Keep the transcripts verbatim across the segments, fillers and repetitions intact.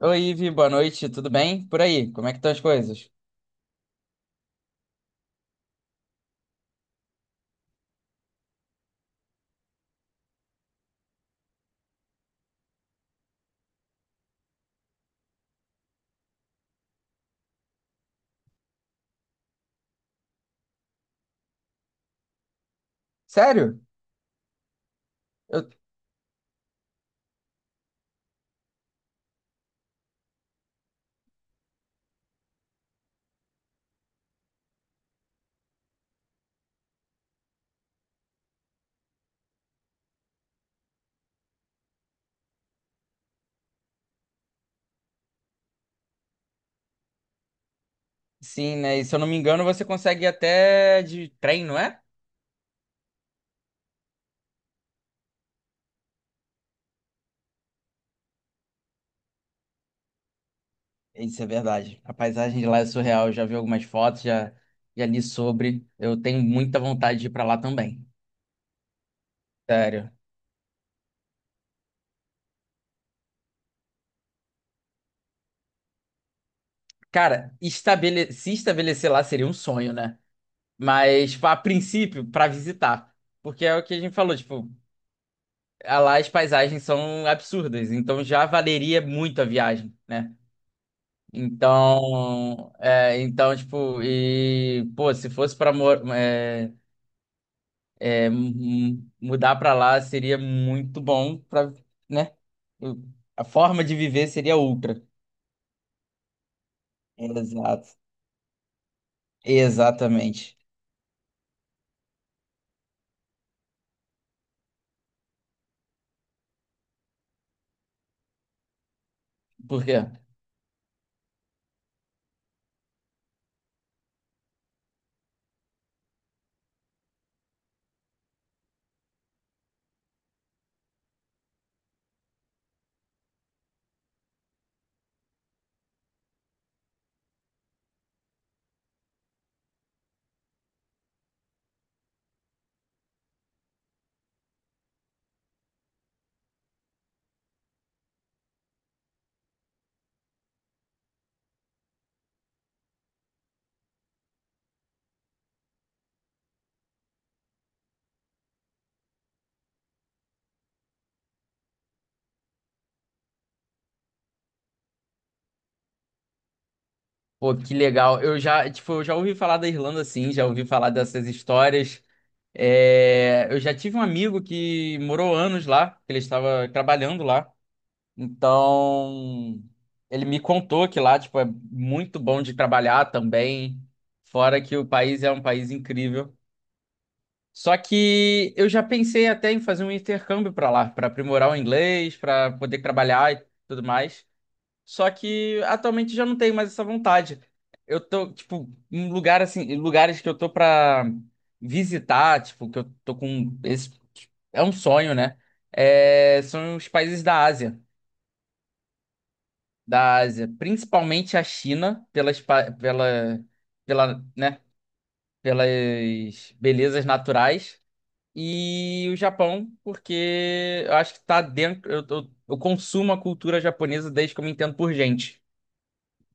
Oi, Ivi, boa noite, tudo bem? Por aí, como é que estão as coisas? Sério? Eu... Sim, né? E se eu não me engano, você consegue ir até de trem, não é? Isso é verdade. A paisagem de lá é surreal. Eu já vi algumas fotos, já, já li sobre. Eu tenho muita vontade de ir pra lá também. Sério. Cara, estabele... se estabelecer lá seria um sonho, né? Mas, tipo, a princípio, pra visitar. Porque é o que a gente falou, tipo, lá as paisagens são absurdas. Então já valeria muito a viagem, né? Então, é, então, tipo, e, pô, se fosse pra mor- é, é, mu- mudar pra lá, seria muito bom pra, né? O- A forma de viver seria outra. Exato. Exatamente. Por quê? Pô, que legal. Eu já, tipo, eu já ouvi falar da Irlanda, assim já ouvi falar dessas histórias. É, eu já tive um amigo que morou anos lá, que ele estava trabalhando lá. Então, ele me contou que lá, tipo, é muito bom de trabalhar também, fora que o país é um país incrível. Só que eu já pensei até em fazer um intercâmbio para lá, para aprimorar o inglês, para poder trabalhar e tudo mais. Só que atualmente já não tenho mais essa vontade. Eu tô, tipo, em lugar assim, em lugares que eu tô para visitar, tipo, que eu tô com esse é um sonho, né? É, são os países da Ásia. Da Ásia, principalmente a China, pelas, pa- pela, pela, né, pelas belezas naturais, e o Japão, porque eu acho que tá dentro. Eu, eu, eu consumo a cultura japonesa desde que eu me entendo por gente.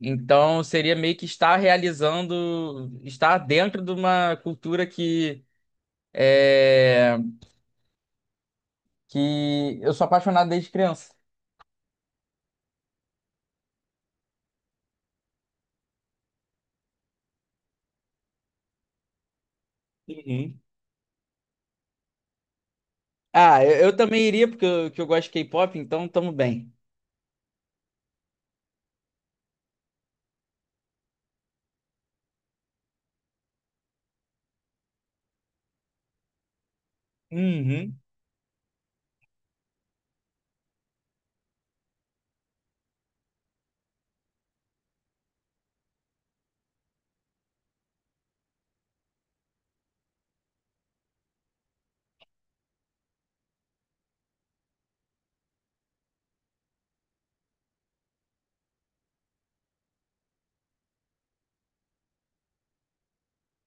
Então seria meio que estar realizando, estar dentro de uma cultura que é, que eu sou apaixonado desde criança. Uhum. Ah, eu, eu também iria porque eu, que eu gosto de K-pop, então tamo bem. Uhum.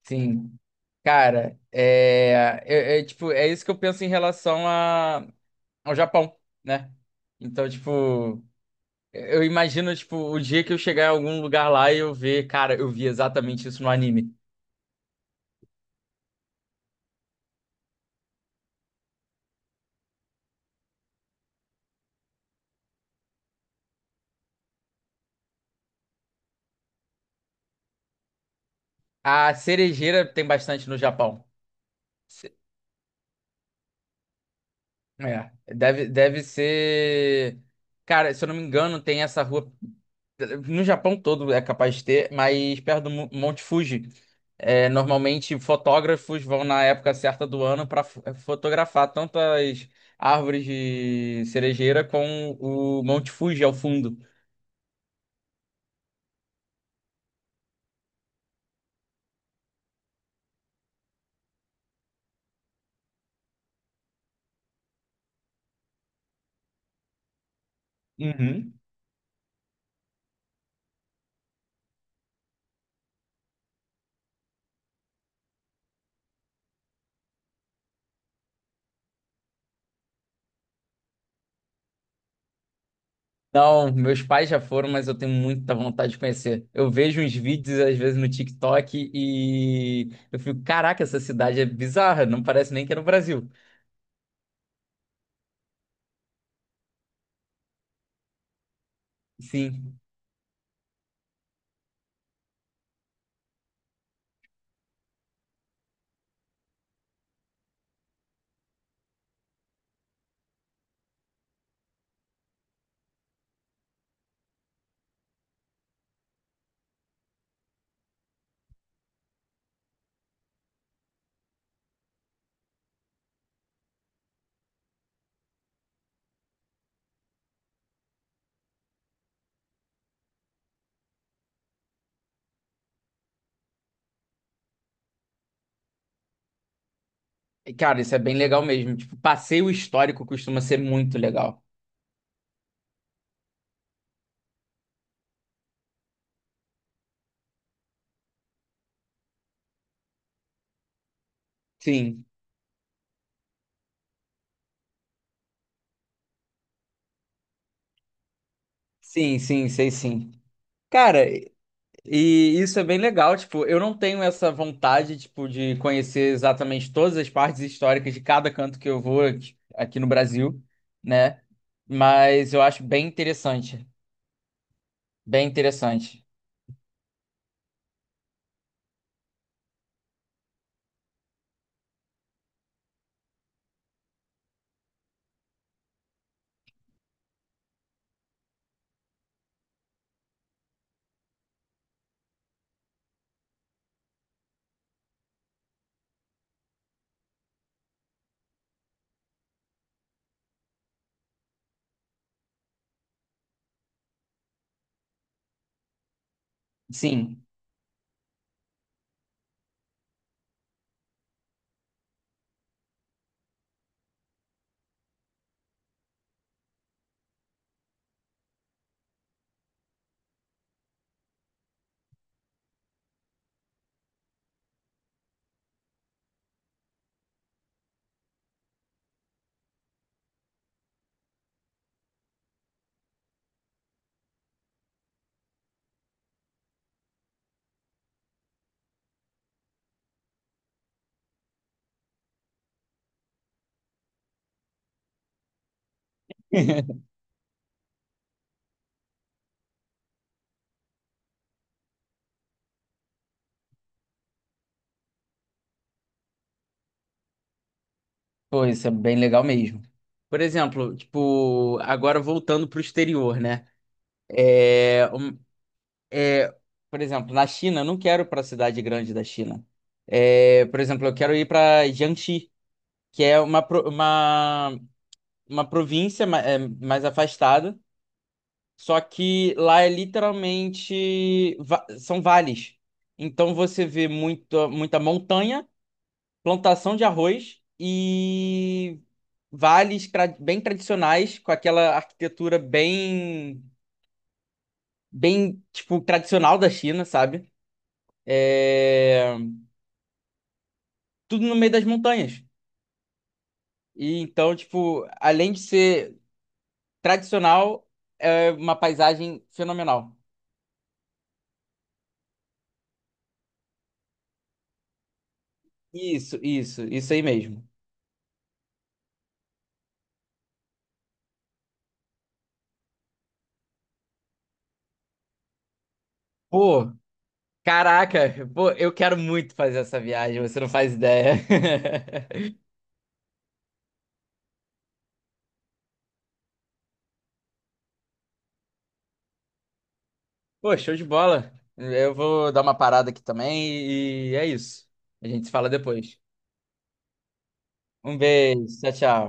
Sim. Cara, é, é, é, tipo, é isso que eu penso em relação a, ao Japão, né? Então, tipo, eu imagino, tipo, o dia que eu chegar em algum lugar lá e eu ver, cara, eu vi exatamente isso no anime. A cerejeira tem bastante no Japão. Se- É, deve, deve ser. Cara, se eu não me engano, tem essa rua. No Japão todo é capaz de ter, mas perto do Mo- Monte Fuji. É, normalmente fotógrafos vão na época certa do ano para fotografar tanto as árvores de cerejeira com o Monte Fuji ao fundo. Uhum. Não, meus pais já foram, mas eu tenho muita vontade de conhecer. Eu vejo uns vídeos, às vezes, no TikTok e eu fico, caraca, essa cidade é bizarra, não parece nem que é no Brasil. Sim. E, cara, isso é bem legal mesmo. Tipo, passeio histórico costuma ser muito legal. Sim, sim, sim, sei sim. Cara, e isso é bem legal, tipo, eu não tenho essa vontade, tipo, de conhecer exatamente todas as partes históricas de cada canto que eu vou aqui aqui no Brasil, né? Mas eu acho bem interessante, bem interessante. Sim, pô, isso é bem legal mesmo. Por exemplo, tipo, agora voltando pro exterior, né? É, um- é, por exemplo, na China, eu não quero para a cidade grande da China. É, por exemplo, eu quero ir para Jiangxi, que é uma, pro- uma uma província ma- é, mais afastada, só que lá é literalmente va- são vales. Então você vê muito, muita montanha, plantação de arroz e vales tra- bem tradicionais, com aquela arquitetura bem, bem tipo tradicional da China, sabe? É, tudo no meio das montanhas. E então, tipo, além de ser tradicional, é uma paisagem fenomenal. Isso, isso, isso aí mesmo. Pô, caraca, pô, eu quero muito fazer essa viagem, você não faz ideia. Pô, show de bola. Eu vou dar uma parada aqui também e é isso. A gente se fala depois. Um beijo, tchau, tchau.